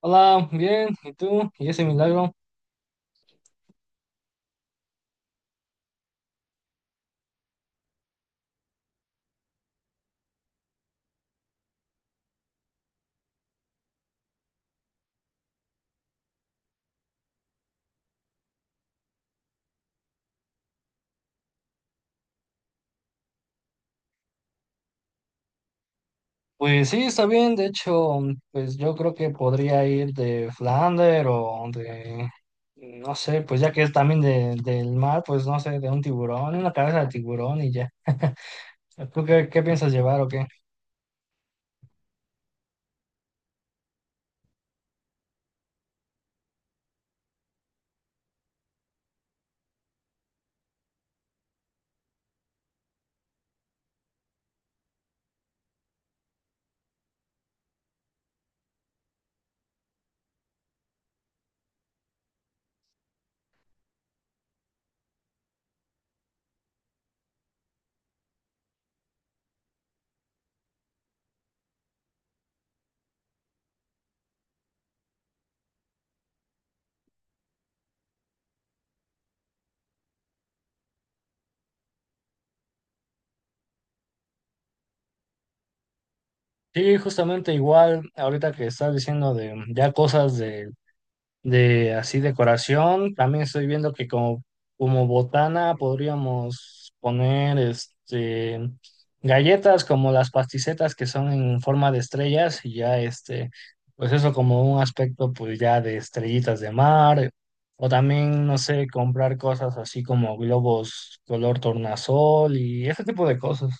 Hola, bien, ¿y tú? ¿Y ese milagro? Pues sí, está bien, de hecho, pues yo creo que podría ir de Flander no sé, pues ya que es también del mar, pues no sé, de un tiburón, una cabeza de tiburón y ya. ¿Tú qué piensas llevar o qué? Sí, justamente igual, ahorita que estás diciendo de ya cosas de así decoración. También estoy viendo como botana podríamos poner este galletas como las pasticetas que son en forma de estrellas y ya este, pues eso como un aspecto pues ya de estrellitas de mar. O también, no sé, comprar cosas así como globos color tornasol y ese tipo de cosas.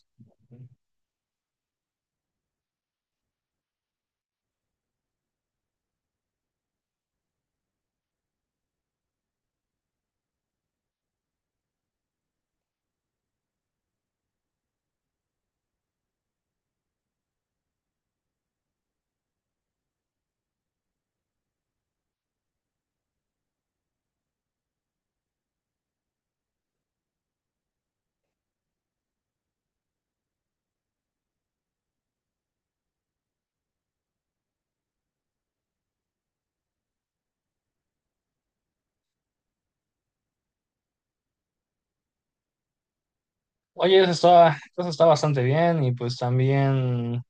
Oye, eso está bastante bien y pues también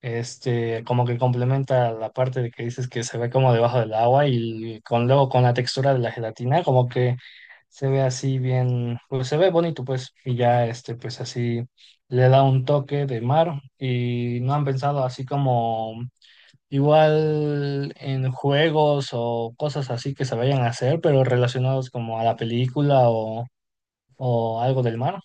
este, como que complementa la parte de que dices que se ve como debajo del agua y con luego con la textura de la gelatina, como que se ve así bien, pues se ve bonito, pues, y ya este, pues así le da un toque de mar y no han pensado así como igual en juegos o cosas así que se vayan a hacer, pero relacionados como a la película o algo del mar.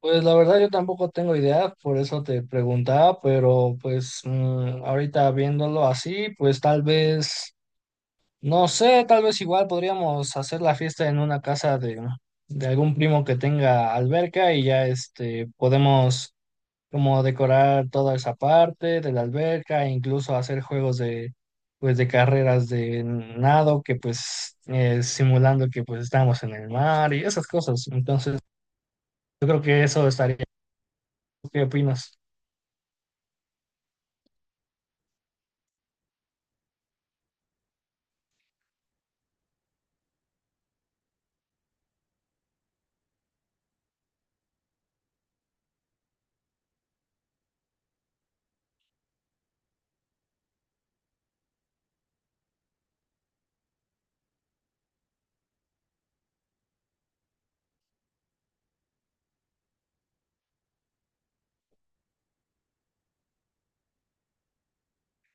Pues la verdad yo tampoco tengo idea, por eso te preguntaba, pero pues mm, ahorita viéndolo así, pues tal vez, no sé, tal vez igual podríamos hacer la fiesta en una casa de algún primo que tenga alberca y ya este podemos como decorar toda esa parte de la alberca, e incluso hacer juegos de pues de carreras de nado que pues simulando que pues estamos en el mar y esas cosas. Entonces, yo creo que eso estaría. ¿Qué opinas?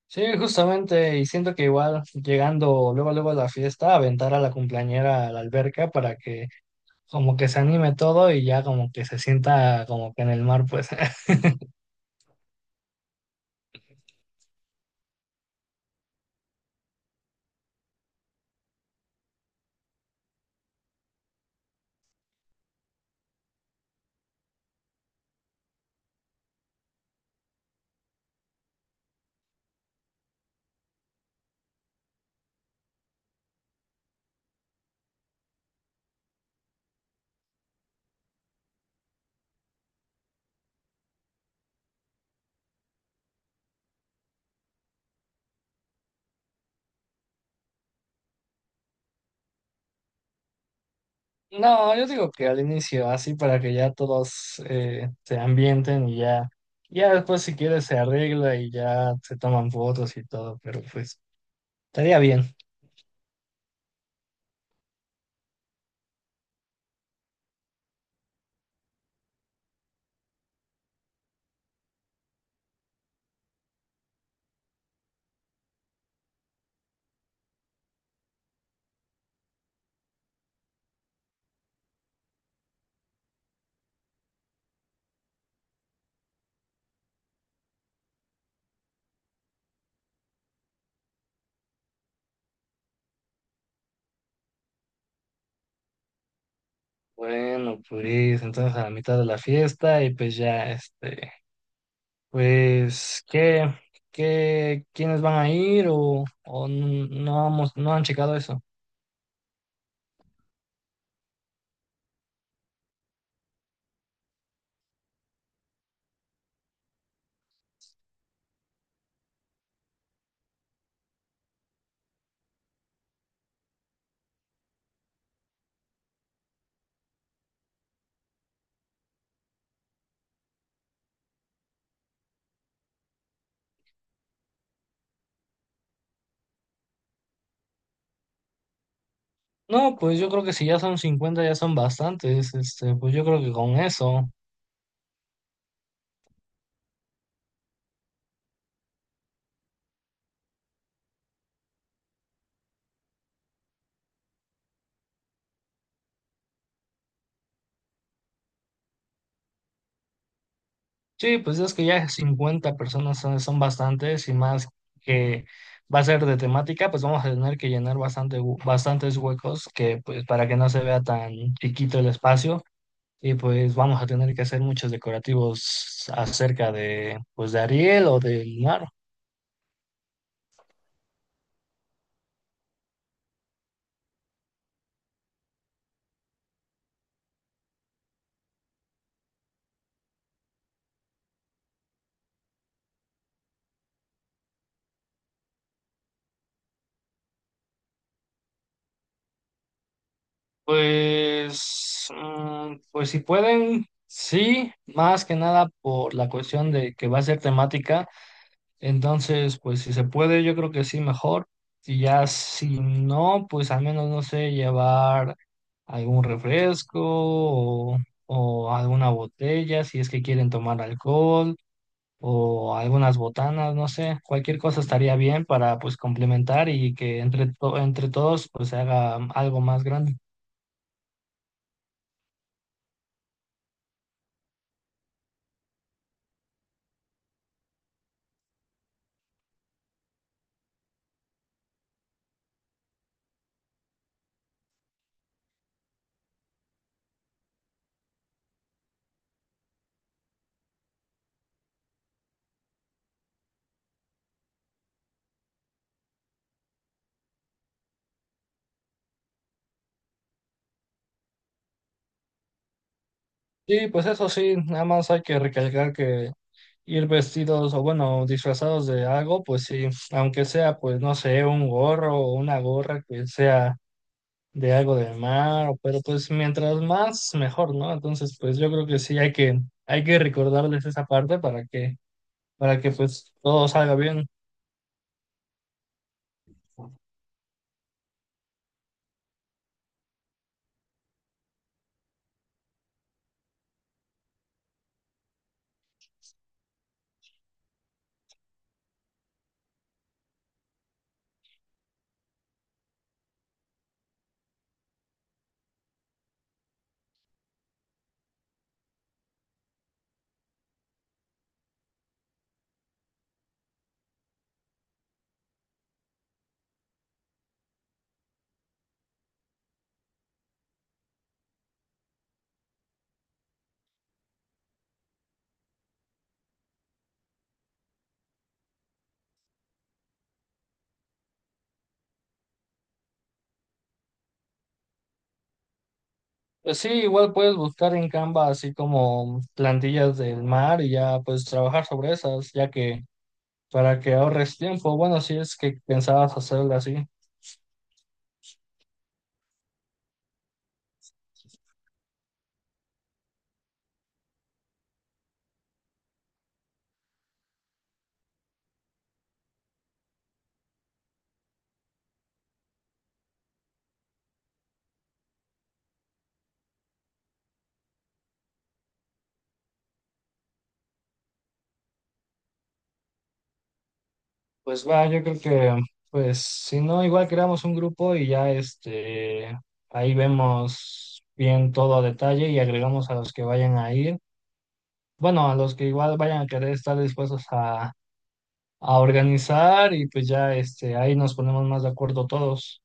Sí, justamente, y siento que igual llegando luego luego a la fiesta, aventar a la cumpleañera a la alberca para que como que se anime todo y ya como que se sienta como que en el mar, pues. No, yo digo que al inicio, así para que ya todos se ambienten y ya, ya después si quieres se arregla y ya se toman fotos y todo, pero pues estaría bien. Bueno, pues entonces a la mitad de la fiesta y pues ya este, pues, qué, ¿quiénes van a ir o no han checado eso? No, pues yo creo que si ya son 50 ya son bastantes. Este, pues yo creo que con eso. Sí, pues es que ya 50 personas son bastantes y más que va a ser de temática, pues vamos a tener que llenar bastante, bastantes huecos que, pues, para que no se vea tan chiquito el espacio. Y pues vamos a tener que hacer muchos decorativos acerca de, pues, de Ariel o del mar. Pues, mm, pues si pueden, sí, más que nada por la cuestión de que va a ser temática, entonces, pues si se puede, yo creo que sí, mejor. Y ya si no, pues al menos, no sé, llevar algún refresco o alguna botella, si es que quieren tomar alcohol o algunas botanas, no sé, cualquier cosa estaría bien para pues complementar y que entre todos pues se haga algo más grande. Sí, pues eso sí, nada más hay que recalcar que ir vestidos o bueno, disfrazados de algo, pues sí, aunque sea, pues no sé, un gorro o una gorra que sea de algo del mar, o- pero pues mientras más, mejor, ¿no? Entonces, pues yo creo que sí hay hay que recordarles esa parte para que pues todo salga bien. Pues sí, igual puedes buscar en Canva así como plantillas del mar y ya pues trabajar sobre esas, ya que para que ahorres tiempo, bueno, si es que pensabas hacerlo así. Pues va, yo creo que, pues, si no, igual creamos un grupo y ya este, ahí vemos bien todo a detalle y agregamos a los que vayan a ir. Bueno, a los que igual vayan a querer estar dispuestos a organizar y pues ya este, ahí nos ponemos más de acuerdo todos.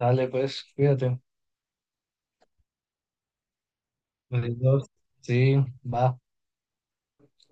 Dale, pues, cuídate. Adiós. Sí, va.